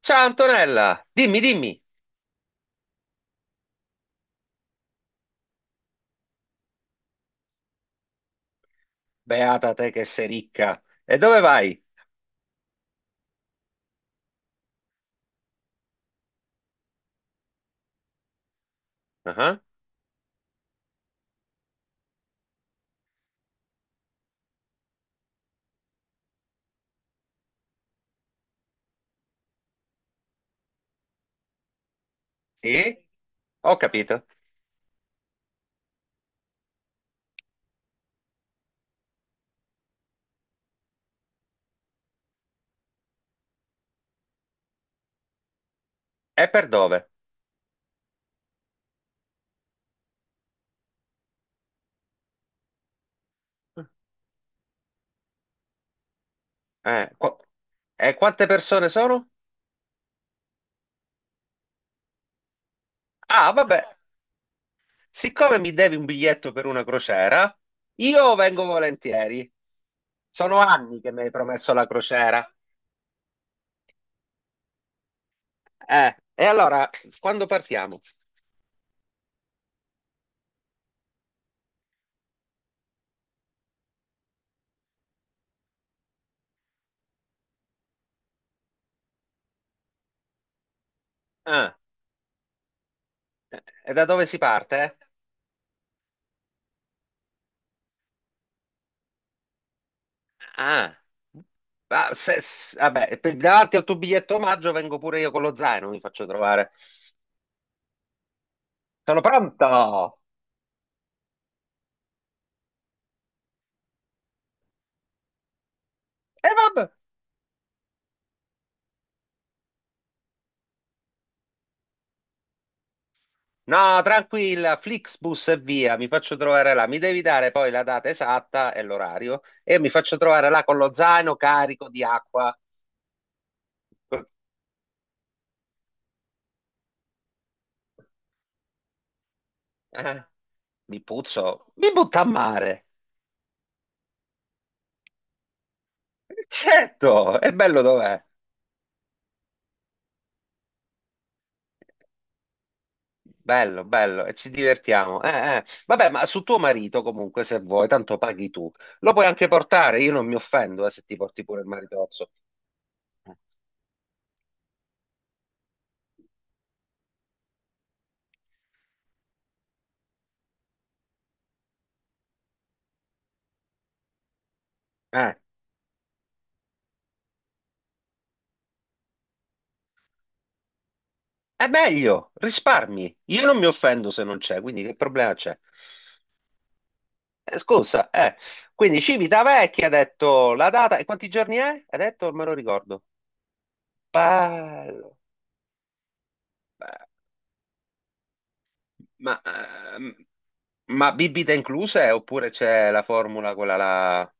Ciao Antonella, dimmi, dimmi. Beata te che sei ricca. E dove vai? Ah, sì? Ho capito. E per dove? Eh, qua- E quante persone sono? Ah, vabbè, siccome mi devi un biglietto per una crociera, io vengo volentieri. Sono anni che mi hai promesso la crociera. Eh, e allora, quando partiamo? Ah, e da dove si parte? Ah, vabbè, davanti al tuo biglietto omaggio vengo pure io con lo zaino, mi faccio trovare. Sono pronto! E vabbè. No, tranquilla, Flixbus e via, mi faccio trovare là. Mi devi dare poi la data esatta e l'orario e mi faccio trovare là con lo zaino carico di acqua. Eh, Mi puzzo, mi butta a mare. Certo, è bello dov'è? Bello, bello, e ci divertiamo. Eh. Vabbè, ma su tuo marito comunque, se vuoi, tanto paghi tu. Lo puoi anche portare, io non mi offendo se ti porti pure il maritozzo. Eh, Eh, è meglio, risparmi. Io non mi offendo se non c'è, quindi che problema c'è? Scusa, eh. Quindi Civitavecchia ha detto la data e quanti giorni è? Ha detto, non me lo ricordo. Bello, bello. Ma, ehm, ma bibita inclusa oppure c'è la formula quella là?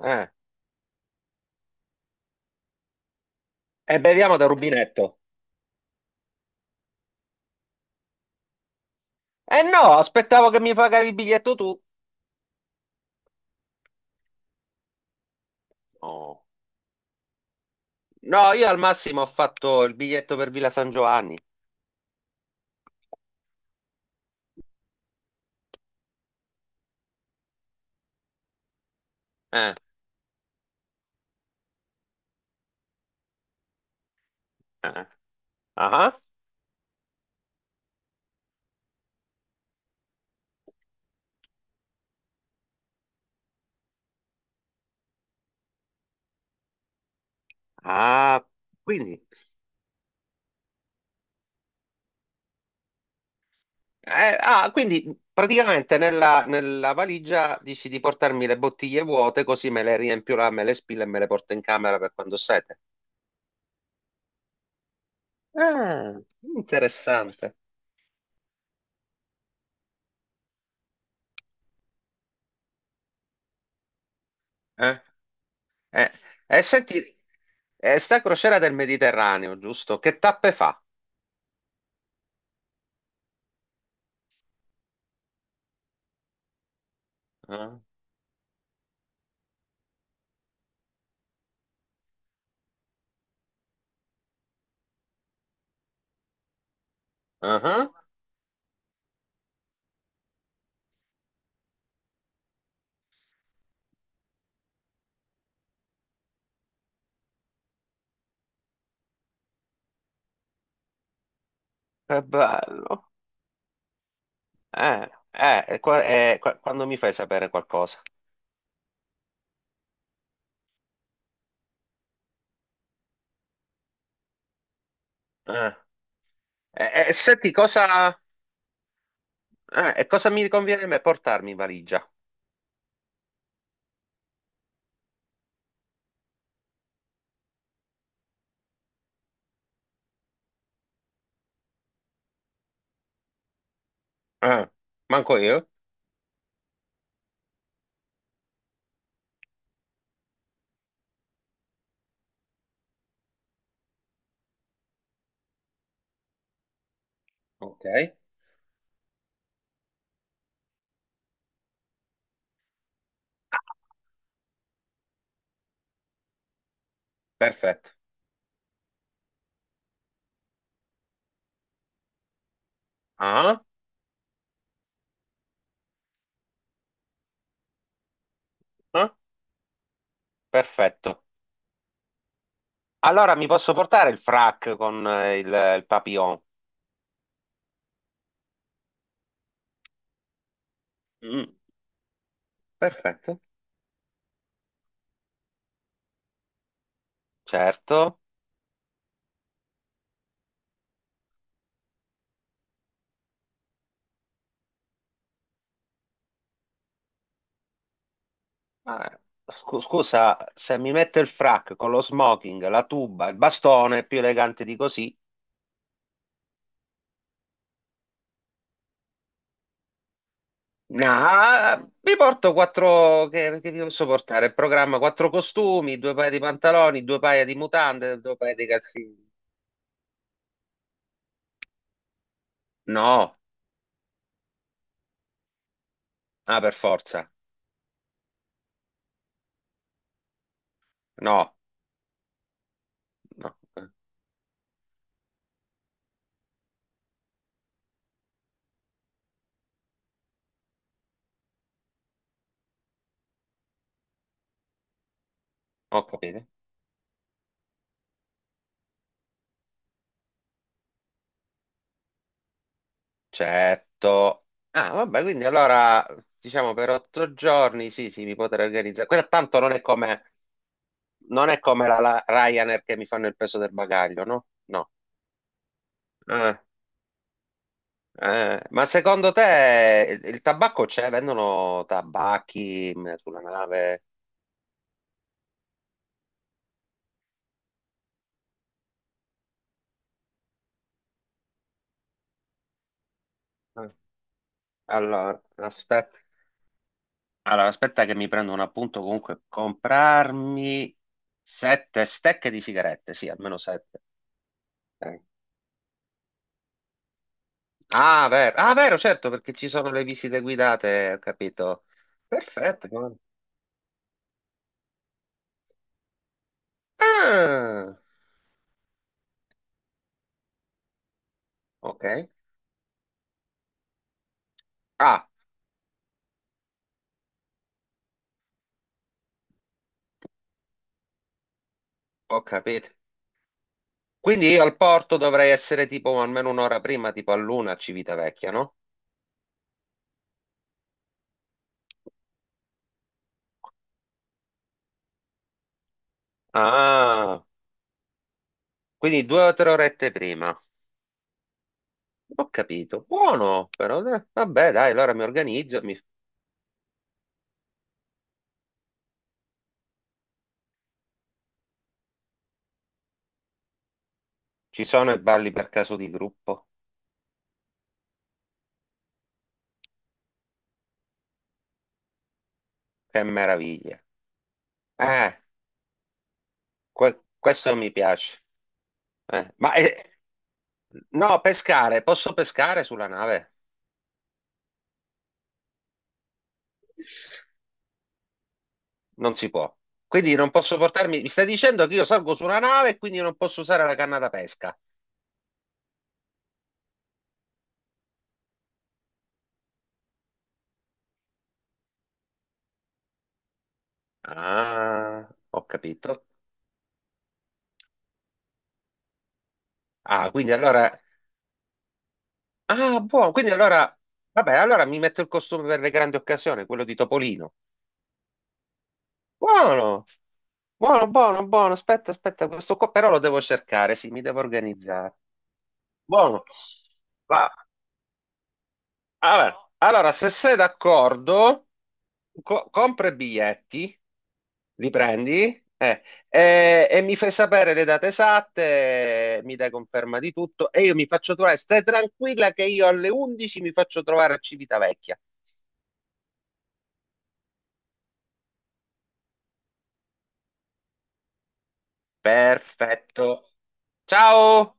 Eh. E beviamo da rubinetto. Eh no, aspettavo che mi pagavi il biglietto tu. Oh, no, io al massimo ho fatto il biglietto per Villa San Giovanni. Eh, eh. Ah, Ah, quindi, quindi praticamente nella valigia dici di portarmi le bottiglie vuote così me le riempio là, me le spillo e me le porto in camera per quando ho sete. Ah, interessante. Eh. Eh, e senti, sta crociera del Mediterraneo, giusto? Che tappe fa? Eh? Ah. Che bello. Quando mi fai sapere qualcosa? Eh, eh, eh, senti, cosa, e cosa mi conviene a me portarmi in valigia? Eh, manco io? Ok, perfetto. Ah, ah, perfetto. Allora mi posso portare il frac con il papillon? Mm, perfetto, certo. Ah, scusa, se mi metto il frac con lo smoking, la tuba, il bastone, è più elegante di così. No, ah, mi porto quattro, che mi posso portare? Il programma, quattro costumi, due paia di pantaloni, due paia di mutande, due paia di calzini. No, ah, per forza. No, no, eh, ho capito. Certo. Ah, vabbè, quindi allora, diciamo per otto giorni, sì, sì, mi potrei organizzare. Quella tanto non è come, non è come la Ryanair che mi fanno il peso del bagaglio, no? No. Eh. Ma secondo te il tabacco c'è? Vendono tabacchi sulla nave? Eh, Allora, aspetta, allora, aspetta che mi prendo un appunto comunque. Comprarmi sette stecche di sigarette, sì, almeno sette. Eh. Ah, vero. Ah, vero, certo, perché ci sono le visite guidate, ho capito. Perfetto, guarda. Ah, ok. Ah, ho capito. Quindi io al porto dovrei essere tipo almeno un'ora prima, tipo all'una a Civitavecchia, no? Ah, quindi due o tre orette prima. Ho capito. Buono, però. Vabbè, dai, allora mi organizzo. Ci sono i balli per caso di gruppo. Che meraviglia. Eh, questo mi piace. Ma no, pescare. Posso pescare sulla nave? Non si può. Quindi non posso portarmi. Mi stai dicendo che io salgo su una nave e quindi non posso usare la canna da pesca? Ah, ho capito. Ah, quindi allora. Ah, buono. Quindi allora, vabbè, allora mi metto il costume per le grandi occasioni, quello di Topolino. Buono, buono, buono, buono. Aspetta, aspetta, questo qua però lo devo cercare, sì, mi devo organizzare. Buono. Va. Allora, allora, se sei d'accordo, compra i biglietti, li prendi, e mi fai sapere le date esatte, mi dai conferma di tutto e io mi faccio trovare. Stai tranquilla che io alle 11 mi faccio trovare a Civitavecchia. Perfetto. Ciao!